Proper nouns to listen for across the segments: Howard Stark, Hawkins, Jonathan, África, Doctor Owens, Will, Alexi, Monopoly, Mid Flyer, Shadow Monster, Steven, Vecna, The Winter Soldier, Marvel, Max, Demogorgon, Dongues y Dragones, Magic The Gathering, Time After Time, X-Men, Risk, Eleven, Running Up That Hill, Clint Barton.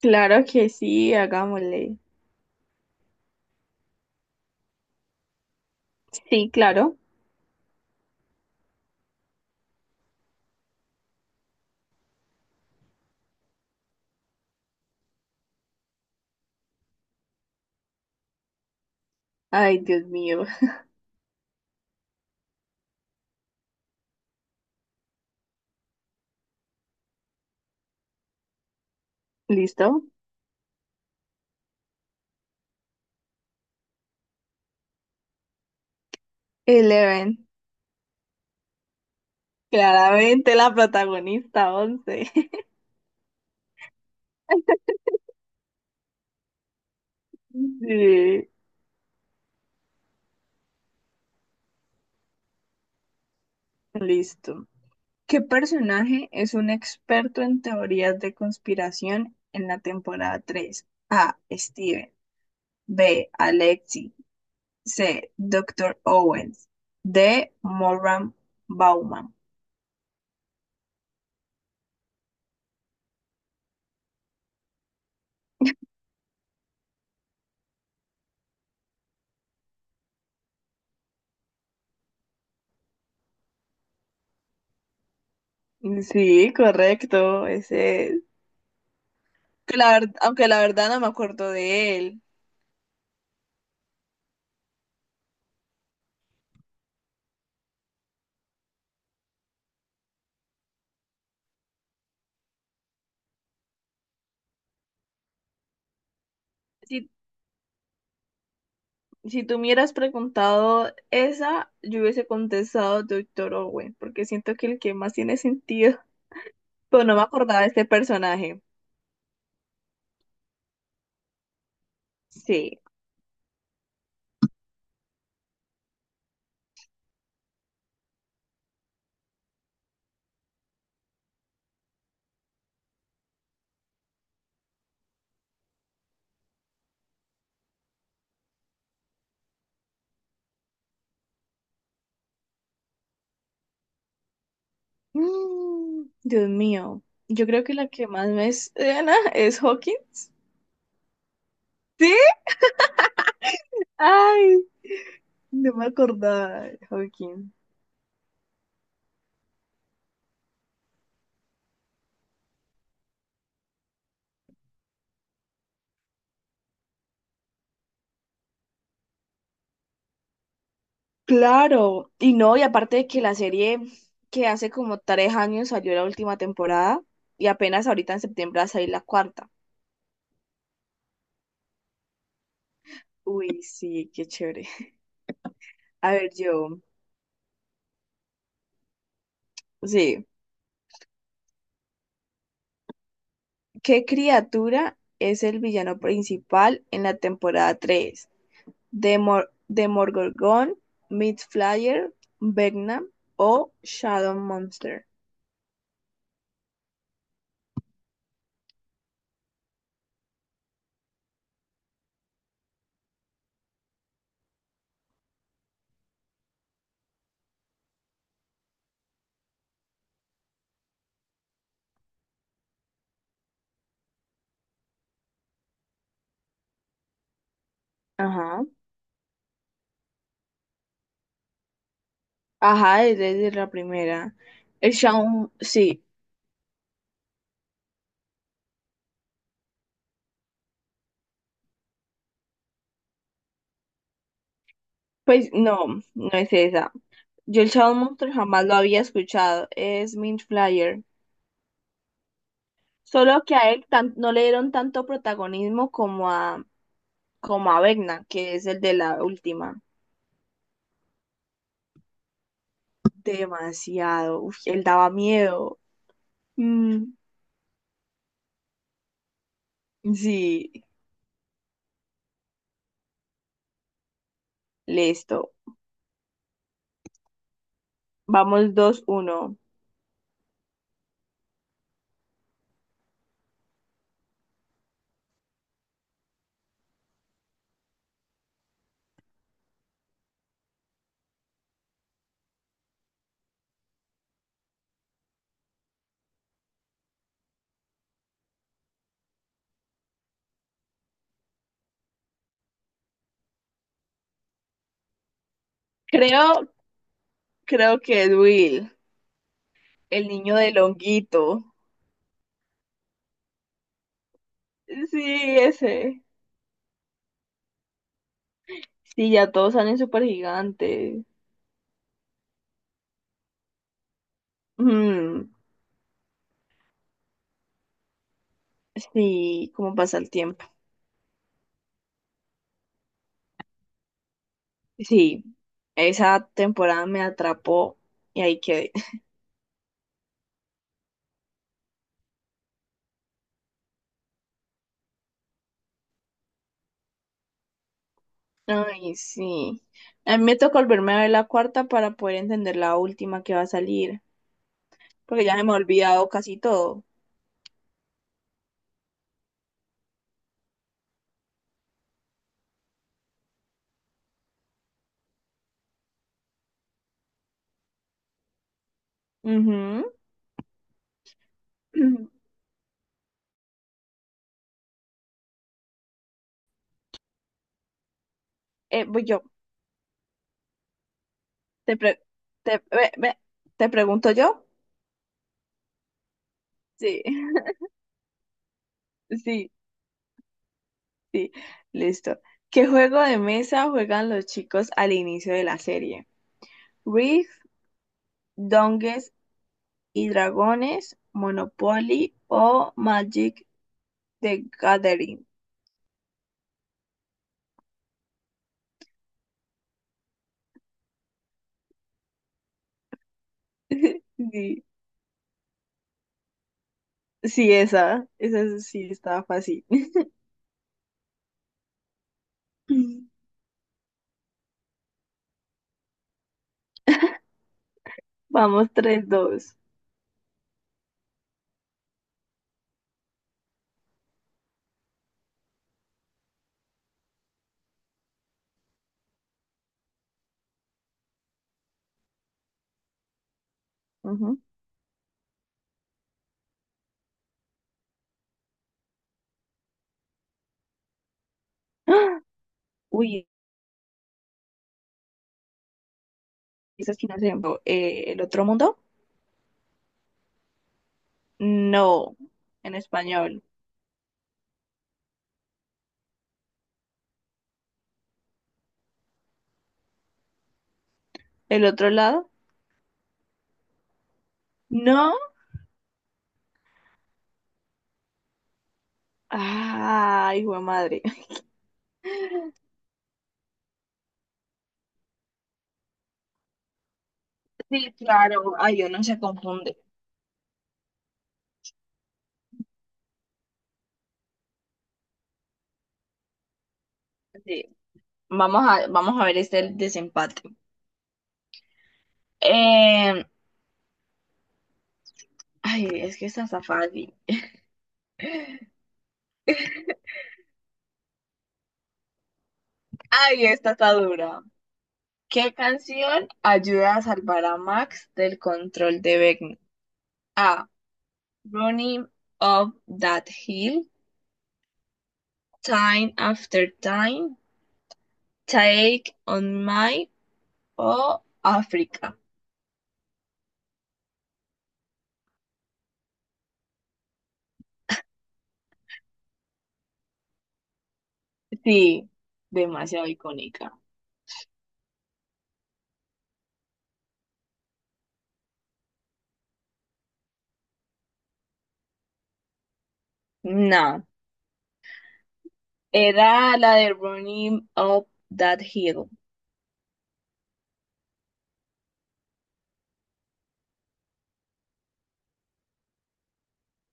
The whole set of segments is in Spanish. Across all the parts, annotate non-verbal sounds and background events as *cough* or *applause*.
Claro que sí, hagámosle. Sí, claro. Ay, Dios mío. *laughs* ¿Listo? Eleven. Claramente la protagonista, once. *laughs* Sí, listo. ¿Qué personaje es un experto en teorías de conspiración en la temporada 3? A. Steven. B. Alexi. C. Doctor Owens. D. Moran Bauman. Sí, correcto. Ese aunque la verdad no me acuerdo de él. Si, si tú me hubieras preguntado esa, yo hubiese contestado Doctor Owen, porque siento que el que más tiene sentido. *laughs* Pero no me acordaba de este personaje. Sí. Dios mío, yo creo que la que más me suena es Hawkins. ¿Sí? Ay, no me acordaba de Hawkins. Claro, y no, y aparte de que la serie que hace como tres años salió la última temporada y apenas ahorita en septiembre va a salir la cuarta. Uy, sí, qué chévere. A ver, yo, sí, ¿qué criatura es el villano principal en la temporada 3? ¿Demor Demogorgon, Mid Flyer, Vecna o Shadow Monster? Ajá, ajá, es desde la primera. El Shadow, sí, pues no, no es esa. Yo el Shadow Monster jamás lo había escuchado, es Mint Flyer. Solo que no le dieron tanto protagonismo como a Vecna, que es el de la última. Demasiado, uf, él daba miedo. Mm, sí, listo. Vamos 2-1. Creo, creo que es Will, el niño del honguito. Sí, ese. Sí, ya todos salen súper gigantes. Mm, sí, cómo pasa el tiempo. Sí, esa temporada me atrapó y ahí quedé. *laughs* Ay, sí. A mí me tocó volverme a ver la cuarta para poder entender la última que va a salir, porque ya se me ha olvidado casi todo. Ujú. *clears throat* Voy yo. Te, pre- te, ve- ve- ¿te pregunto yo? Sí, *laughs* sí, sí. Listo. ¿Qué juego de mesa juegan los chicos al inicio de la serie? ¿Risk, Dongues y Dragones, Monopoly o Magic The Gathering? *laughs* Sí, sí, esa. Esa sí estaba fácil. *laughs* Vamos, 3-2. Ujú. *gasps* ¡Ah! Uy, esa esquina se llama, ¿El otro mundo? No, en español. ¿El otro lado? No. Ay, hijo de madre. *laughs* Sí, claro. Ay, uno se confunde. Sí. Vamos a ver este el desempate. Eh, ay, es que esta está fácil. *laughs* Ay, esta está dura. ¿Qué canción ayuda a salvar a Max del control de Vecna? A. Running Up That Hill, Time After Time, Take On My o África. Sí, demasiado icónica. No, era la de Running Up That Hill.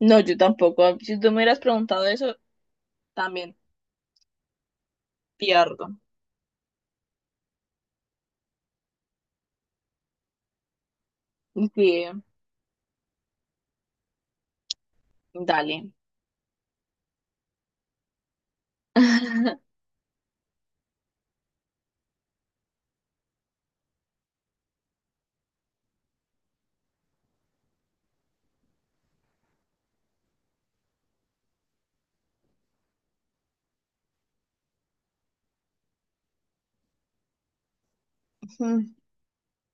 No, yo tampoco. Si tú me hubieras preguntado eso, también pierdo. Sí, dale. *laughs*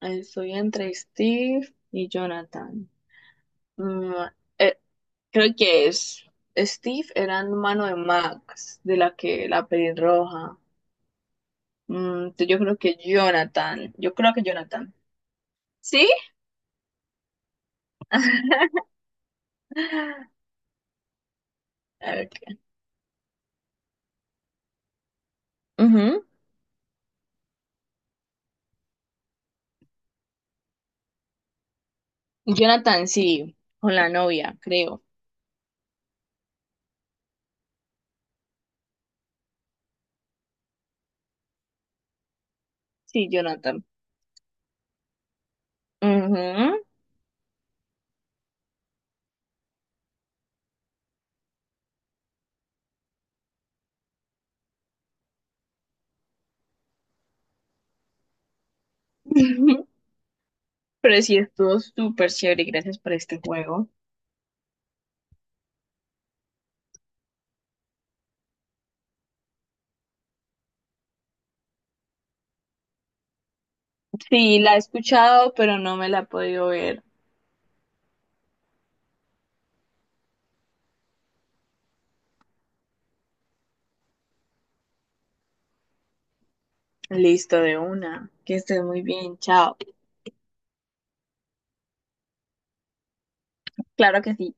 Estoy entre Steve y Jonathan. Mm, eh, creo que es. Steve era hermano de Max, de la que la pelirroja. Mm. Yo creo que Jonathan. ¿Sí? *laughs* Ok. Ujú. Jonathan, sí. Con la novia, creo. Sí, Jonathan. Ujú. *laughs* Pero sí, estuvo súper chévere. Gracias por este juego. Sí, la he escuchado, pero no me la he podido ver. Listo de una. Que estés muy bien. Chao. Claro que sí.